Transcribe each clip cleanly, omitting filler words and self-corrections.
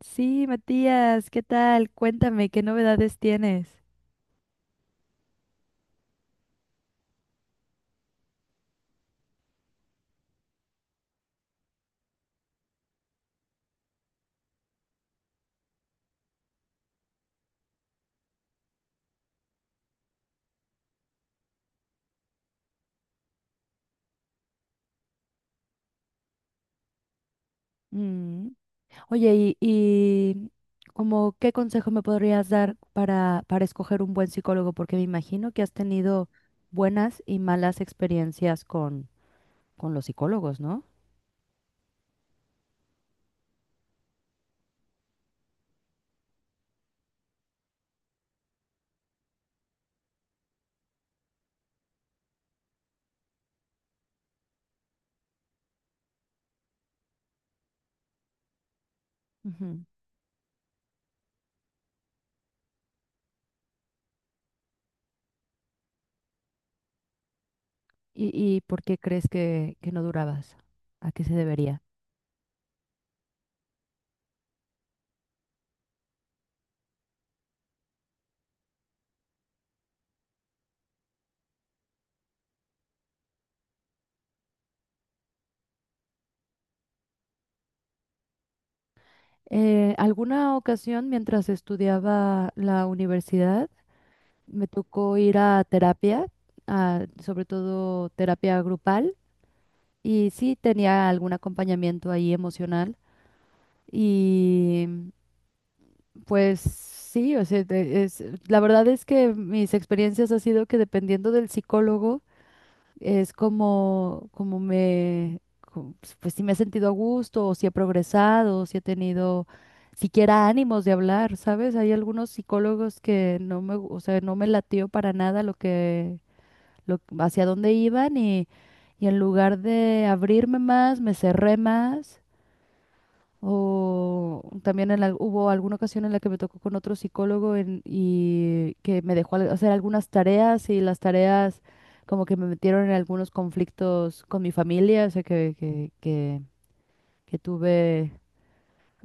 Sí, Matías, ¿qué tal? Cuéntame, ¿qué novedades tienes? Mm. Oye, y como qué consejo me podrías dar para escoger un buen psicólogo, porque me imagino que has tenido buenas y malas experiencias con los psicólogos, ¿no? Ujú. ¿Y, y por qué crees que no durabas? ¿A qué se debería? Alguna ocasión mientras estudiaba la universidad, me tocó ir a terapia, sobre todo terapia grupal, y sí tenía algún acompañamiento ahí emocional. Y pues sí, o sea, es, la verdad es que mis experiencias ha sido que dependiendo del psicólogo, es como, como me, pues si me he sentido a gusto, o si he progresado, o si he tenido siquiera ánimos de hablar, ¿sabes? Hay algunos psicólogos que no me, o sea, no me latió para nada lo que hacia dónde iban y en lugar de abrirme más, me cerré más. O también en hubo alguna ocasión en la que me tocó con otro psicólogo y que me dejó hacer algunas tareas y las tareas como que me metieron en algunos conflictos con mi familia, o sea, que tuve,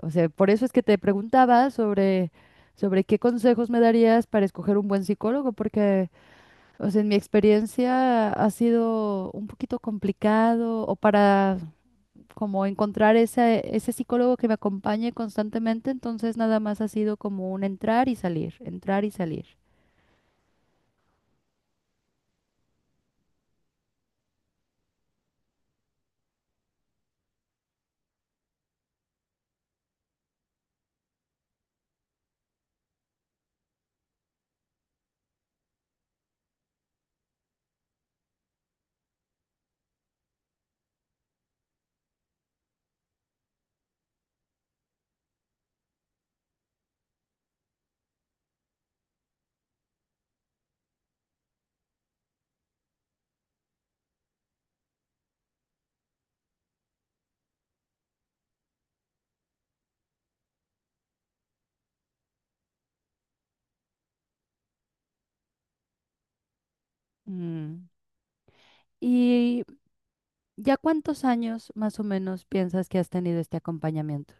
o sea, por eso es que te preguntaba sobre, sobre qué consejos me darías para escoger un buen psicólogo, porque o sea, en mi experiencia ha sido un poquito complicado o para como encontrar ese, ese psicólogo que me acompañe constantemente, entonces nada más ha sido como un entrar y salir, entrar y salir. Mm. ¿Y ya cuántos años más o menos piensas que has tenido este acompañamiento?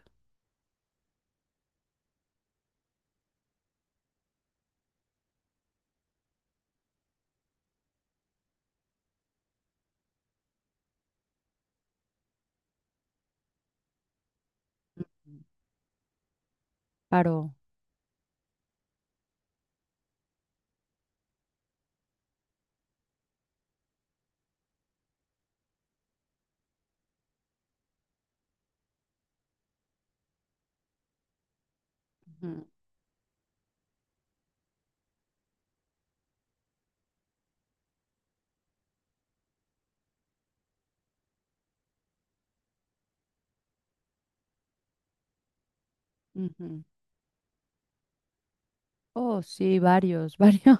Paro. Ujú, ujú. Oh, sí, varios, varios.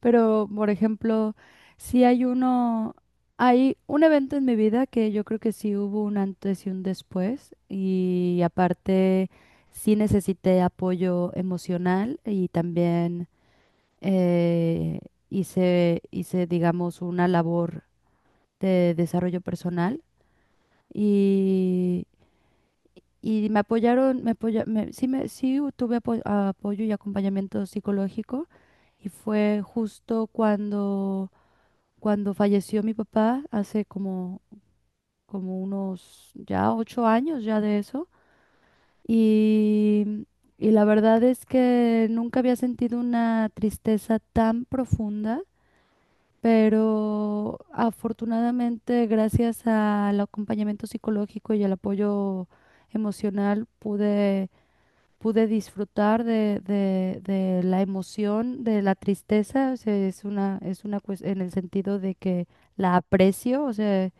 Pero, por ejemplo, si hay uno, hay un evento en mi vida que yo creo que sí hubo un antes y un después. Y aparte, sí necesité apoyo emocional y también eh, hice, digamos, una labor de desarrollo personal. y y me apoyaron, sí, me, sí tuve apoyo y acompañamiento psicológico y fue justo cuando, cuando falleció mi papá, hace como, como unos ya 8 años ya de eso. Y, y la verdad es que nunca había sentido una tristeza tan profunda, pero afortunadamente gracias al acompañamiento psicológico y al apoyo emocional pude disfrutar de, de la emoción, de la tristeza, o sea, es una en el sentido de que la aprecio, o sea,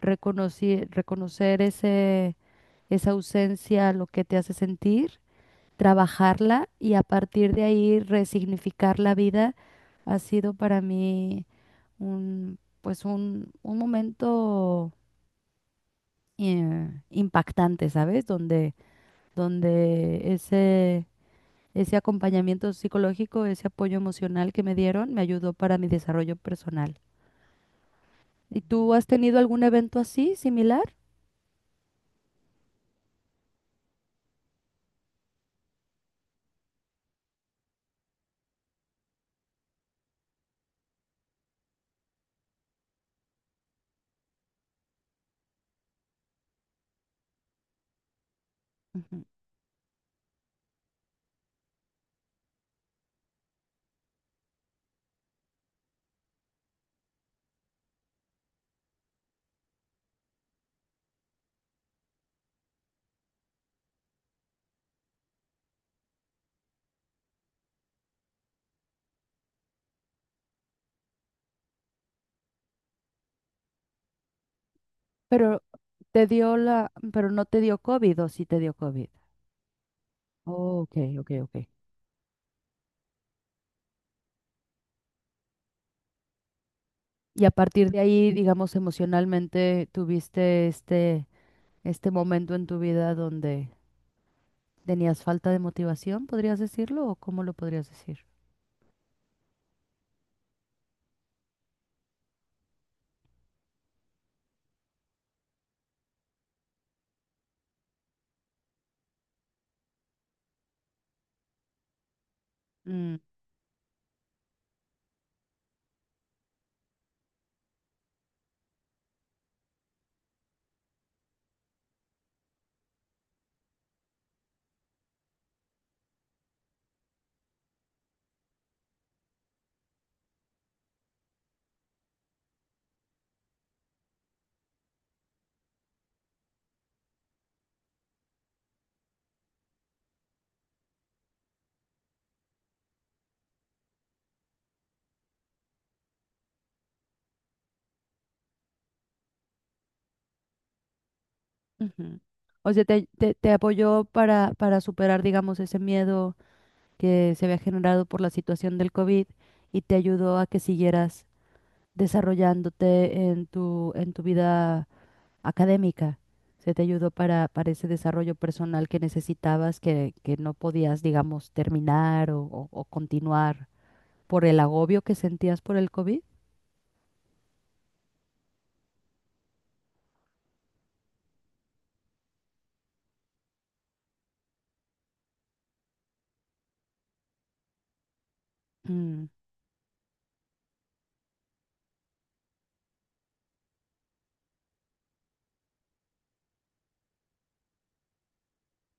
reconocer ese, esa ausencia, lo que te hace sentir, trabajarla y a partir de ahí resignificar la vida ha sido para mí un, pues un momento impactante, ¿sabes? Donde, donde ese ese acompañamiento psicológico, ese apoyo emocional que me dieron, me ayudó para mi desarrollo personal. ¿Y tú has tenido algún evento así, similar? Ujú. Pero te dio pero no te dio COVID o sí te dio COVID. Oh, ok, ok, ok. Y a partir de ahí, digamos, emocionalmente tuviste este, este momento en tu vida donde tenías falta de motivación, ¿podrías decirlo? ¿O cómo lo podrías decir? Mm, ujú. O sea, te, te apoyó para superar, digamos, ese miedo que se había generado por la situación del COVID y te ayudó a que siguieras desarrollándote en tu vida académica. Se te ayudó para ese desarrollo personal que necesitabas, que no podías, digamos, terminar o, o continuar por el agobio que sentías por el COVID. Mm,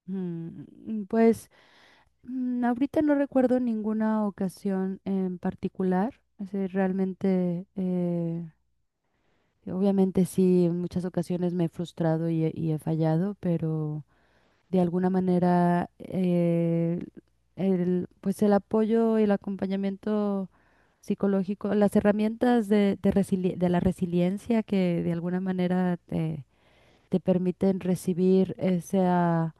mm, pues ahorita no recuerdo ninguna ocasión en particular. Es decir, realmente... obviamente sí, en muchas ocasiones me he frustrado y he fallado, pero de alguna manera el, pues el apoyo y el acompañamiento psicológico, las herramientas de, de la resiliencia que de alguna manera te, te permiten recibir esa,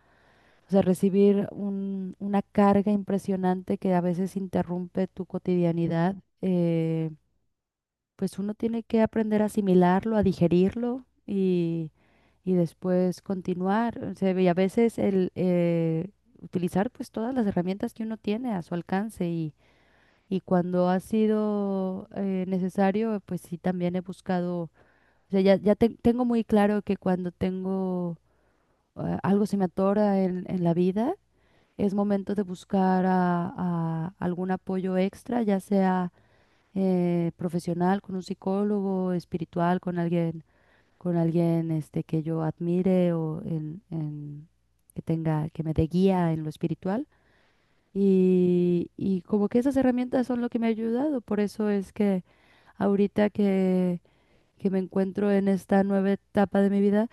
o sea, recibir una carga impresionante que a veces interrumpe tu cotidianidad. eh, pues uno tiene que aprender a asimilarlo, a digerirlo y después continuar. O sea, y a veces el utilizar pues todas las herramientas que uno tiene a su alcance y cuando ha sido necesario, pues sí también he buscado, o sea, ya, ya tengo muy claro que cuando tengo algo se me atora en la vida, es momento de buscar a algún apoyo extra, ya sea profesional, con un psicólogo, espiritual, con alguien este, que yo admire o en, que tenga, que me dé guía en lo espiritual. Y como que esas herramientas son lo que me ha ayudado. Por eso es que ahorita que me encuentro en esta nueva etapa de mi vida,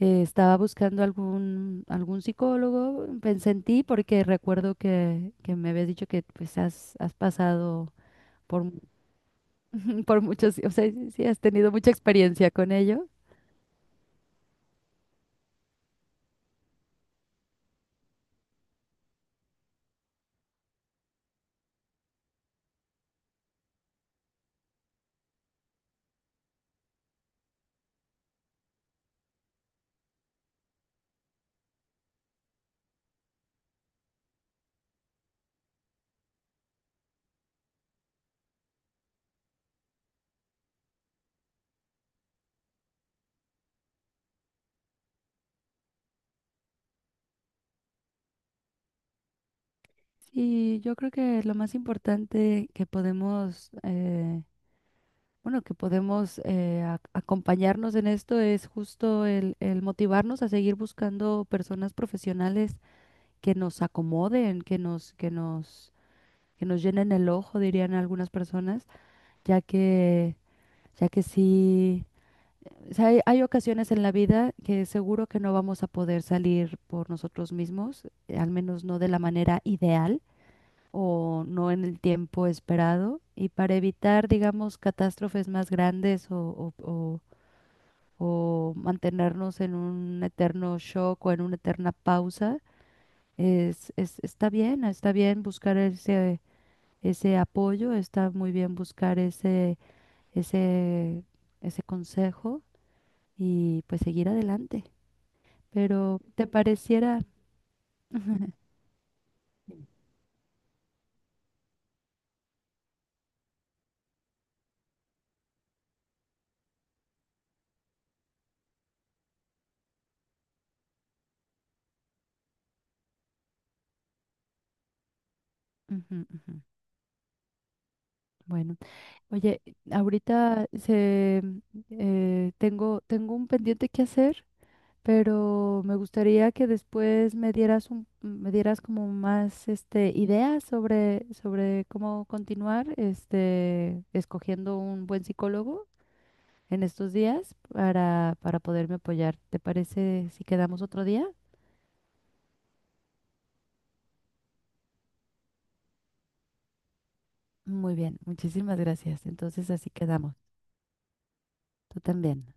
estaba buscando algún, algún psicólogo, pensé en ti porque recuerdo que me habías dicho que pues has, has pasado por por muchos, o sea, sí, sí has tenido mucha experiencia con ello. Y yo creo que lo más importante que podemos, bueno, que podemos acompañarnos en esto es justo el motivarnos a seguir buscando personas profesionales que nos acomoden, que nos, que nos, que nos llenen el ojo, dirían algunas personas, ya que, ya que sí. O sea, hay ocasiones en la vida que seguro que no vamos a poder salir por nosotros mismos, al menos no de la manera ideal o no en el tiempo esperado. Y para evitar, digamos, catástrofes más grandes o, o mantenernos en un eterno shock o en una eterna pausa, es, está bien buscar ese, ese apoyo, está muy bien buscar ese, ese, ese consejo y pues seguir adelante. Pero te pareciera... Ujú, ujú. Bueno, oye, ahorita se, tengo, tengo un pendiente que hacer, pero me gustaría que después me dieras un, me dieras como más este, ideas sobre, sobre cómo continuar este, escogiendo un buen psicólogo en estos días para poderme apoyar. ¿Te parece si quedamos otro día? Muy bien, muchísimas gracias. Entonces así quedamos. Tú también.